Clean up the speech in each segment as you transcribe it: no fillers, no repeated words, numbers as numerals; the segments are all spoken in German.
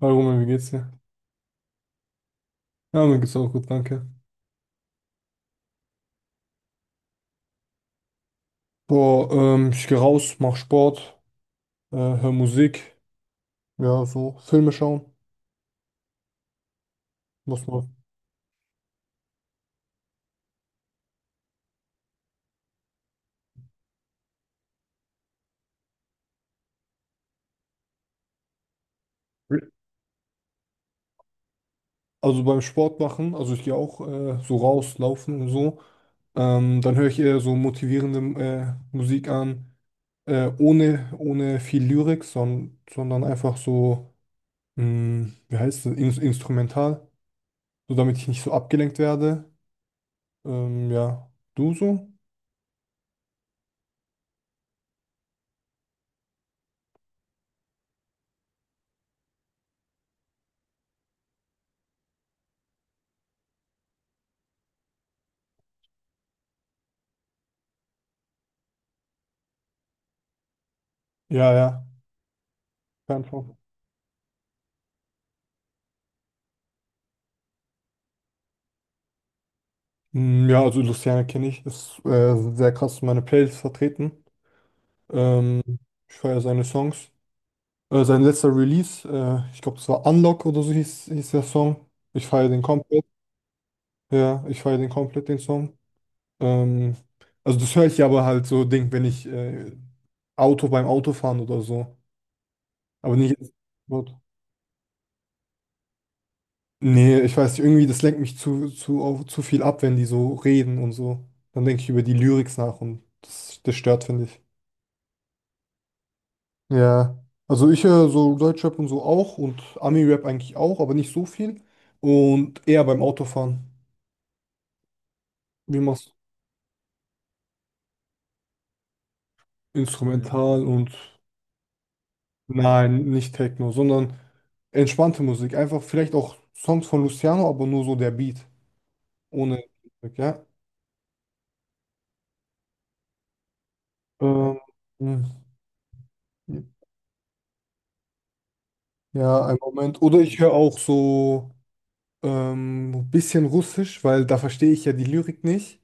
Hallo Roman, wie geht's dir? Ja, mir geht's auch gut, danke. Boah, ich gehe raus, mach Sport, hör Musik, ja, so Filme schauen, muss man. Also beim Sport machen, also ich gehe auch so raus, laufen und so. Dann höre ich eher so motivierende Musik an, ohne viel Lyrik, sondern einfach so, wie heißt das, In instrumental, so damit ich nicht so abgelenkt werde. Ja, du so? Ja, ja. Fernfahrt. Mm, ja, also Luciano kenne ich, ist sehr krass in meiner Playlist vertreten. Ähm, Ich feiere seine Songs. Sein letzter Release, ich glaube, das war Unlock oder so hieß der Song. Ich feiere den komplett. Ja, ich feiere den komplett, den Song. Ähm, also das höre ich aber halt so, Ding, wenn ich Auto beim Autofahren oder so. Aber nicht. Nee, ich weiß nicht, irgendwie, das lenkt mich zu viel ab, wenn die so reden und so. Dann denke ich über die Lyrics nach und das stört, finde ich. Ja, also ich höre so Deutschrap und so auch und Ami-Rap eigentlich auch, aber nicht so viel. Und eher beim Autofahren. Wie machst du? Ja. Instrumental und nein, nicht Techno, sondern entspannte Musik. Einfach vielleicht auch Songs von Luciano, aber nur so der Beat. Ohne, ja. Mhm. Ähm, hm, ja, ein Moment. Oder ich höre auch so ein bisschen Russisch, weil da verstehe ich ja die Lyrik nicht.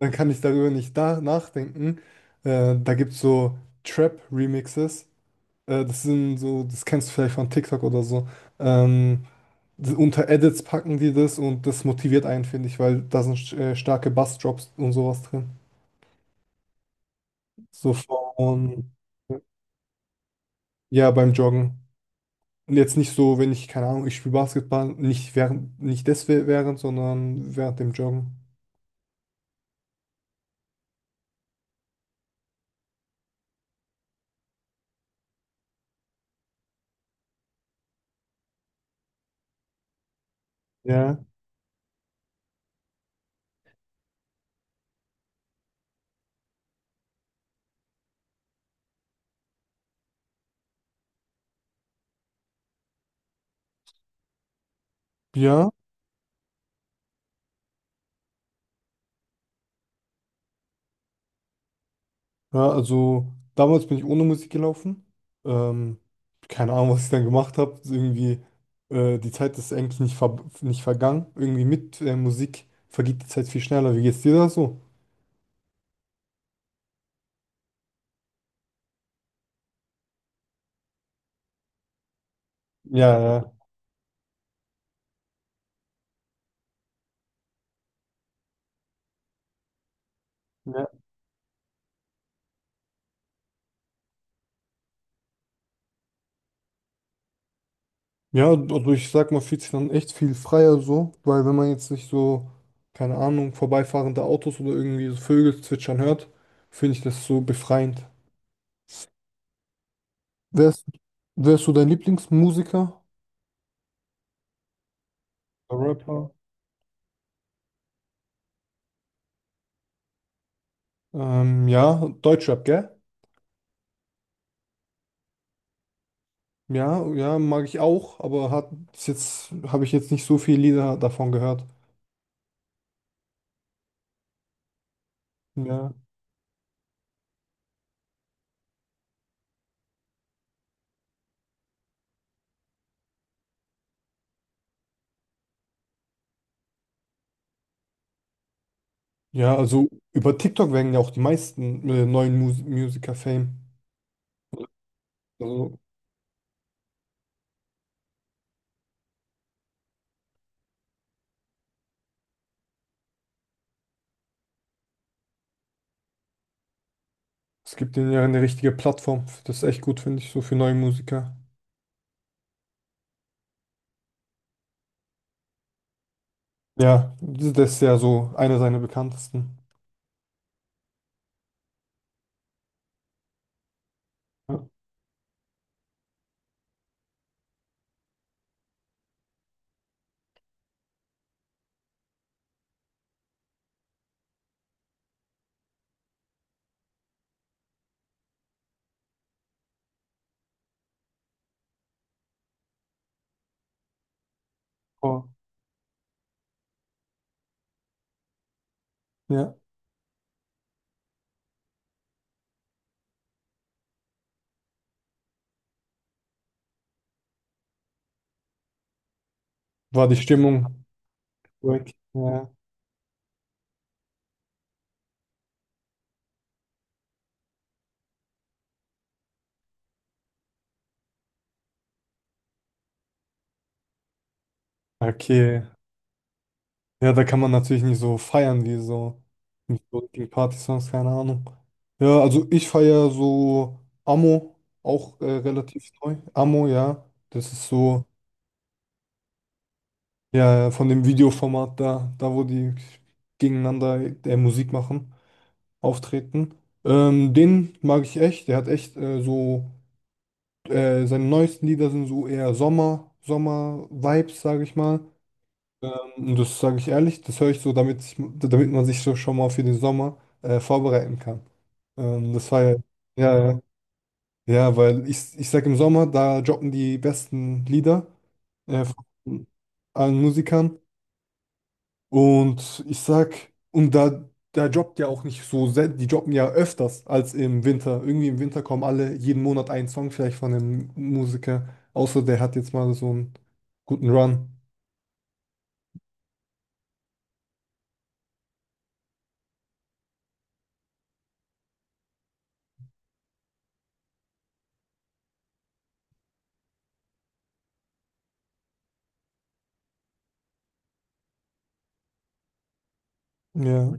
Dann kann ich darüber nicht da nachdenken. Da gibt es so Trap-Remixes. Das sind so, das kennst du vielleicht von TikTok oder so. Ähm, Unter Edits packen die das und das motiviert einen, finde ich, weil da sind starke Bassdrops und sowas drin. So von, ja, beim Joggen. Und jetzt nicht so, wenn ich, keine Ahnung, ich spiele Basketball, nicht während, nicht des während, sondern während dem Joggen. Ja. Ja. Ja, also damals bin ich ohne Musik gelaufen. Ähm, Keine Ahnung, was ich dann gemacht habe. Irgendwie, die Zeit ist eigentlich nicht, ver nicht vergangen. Irgendwie mit Musik vergeht die Zeit viel schneller. Wie geht's dir da so? Ja, ja. Ja, ja, also ich sag mal, fühlt sich dann echt viel freier so, weil wenn man jetzt nicht so, keine Ahnung, vorbeifahrende Autos oder irgendwie so Vögel zwitschern hört, finde ich das so befreiend. Wer ist, wer ist so dein Lieblingsmusiker? Rapper? Ja, Deutschrap, gell? Ja, ja, mag ich auch, aber hat bis jetzt habe ich jetzt nicht so viele Lieder davon gehört. Ja. Ja, also über TikTok werden ja auch die meisten neuen Musiker Fame. Also es gibt denen ja eine richtige Plattform. Das ist echt gut, finde ich, so für neue Musiker. Ja, das ist ja so einer seiner bekanntesten. Ja. Oh. Ja. War die Stimmung. Gut. Ja. Okay. Ja, da kann man natürlich nicht so feiern wie so mit so richtigen Party-Songs, keine Ahnung. Ja, also ich feiere so Amo, auch relativ neu. Amo, ja. Das ist so, ja, von dem Videoformat da wo die gegeneinander Musik machen, auftreten. Den mag ich echt. Der hat echt so, seine neuesten Lieder sind so eher Sommer-Vibes, sage ich mal. Das sage ich ehrlich, das höre ich so, damit, ich, damit man sich so schon mal für den Sommer vorbereiten kann. Das war ja, ja, ja, ja, weil ich sage im Sommer, da droppen die besten Lieder von allen Musikern. Und ich sag, und da droppt ja auch nicht so, die droppen ja öfters als im Winter. Irgendwie im Winter kommen alle jeden Monat einen Song vielleicht von einem Musiker, außer der hat jetzt mal so einen guten Run. Ja.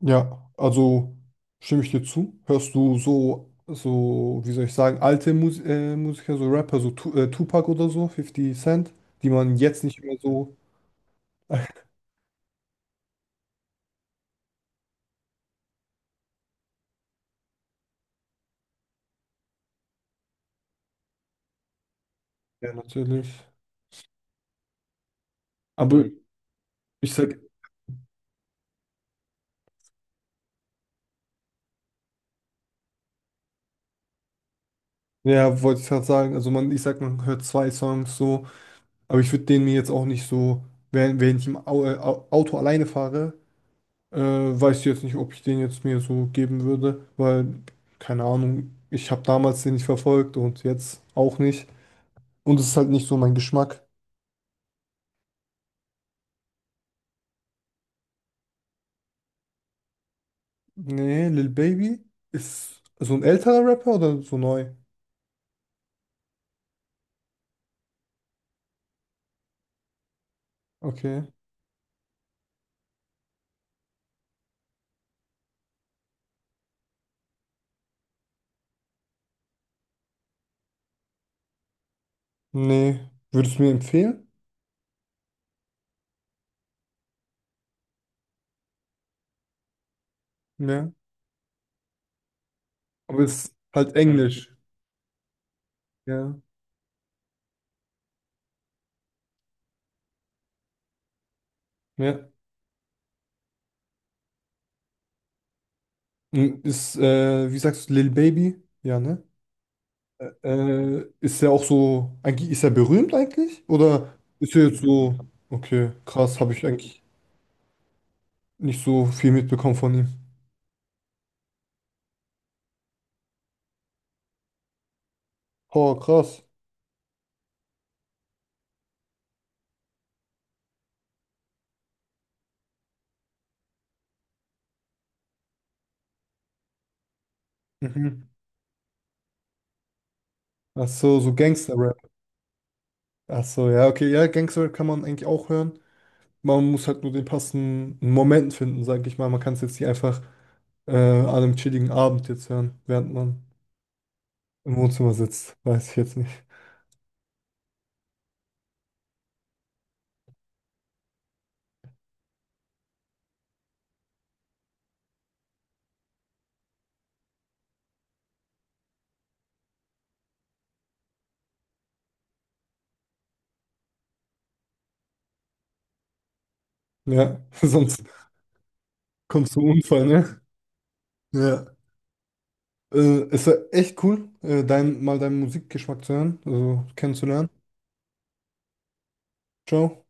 Ja, also stimme ich dir zu. Hörst du so, wie soll ich sagen, alte Musiker, so Rapper, so tu Tupac oder so, 50 Cent, die man jetzt nicht mehr so. Ja, natürlich. Aber Mhm. Ich sag, ja, wollte ich gerade sagen, also man, ich sag, man hört zwei Songs so, aber ich würde den mir jetzt auch nicht so, wenn ich im Auto alleine fahre, weiß ich jetzt nicht, ob ich den jetzt mir so geben würde, weil, keine Ahnung, ich habe damals den nicht verfolgt und jetzt auch nicht. Und es ist halt nicht so mein Geschmack. Nee, Lil Baby ist so ein älterer Rapper oder so neu? Okay. Nee. Würdest du mir empfehlen? Ja. Aber ist halt Englisch. Ja. Ja. Und wie sagst du, Lil Baby? Ja, ne? Ist er auch so, eigentlich, ist er berühmt eigentlich? Oder ist er jetzt so, okay, krass, habe ich eigentlich nicht so viel mitbekommen von ihm. Oh, krass. Mhm. Ach so, so Gangster-Rap. Ach so, ja, okay, ja, Gangster-Rap kann man eigentlich auch hören. Man muss halt nur den passenden Moment finden, sage ich mal. Man kann es jetzt nicht einfach an einem chilligen Abend jetzt hören, während man im Wohnzimmer sitzt. Weiß ich jetzt nicht. Ja, sonst kommt es zum Unfall, ne? Ja. Äh, Es war echt cool, mal deinen Musikgeschmack zu hören, also kennenzulernen. Ciao.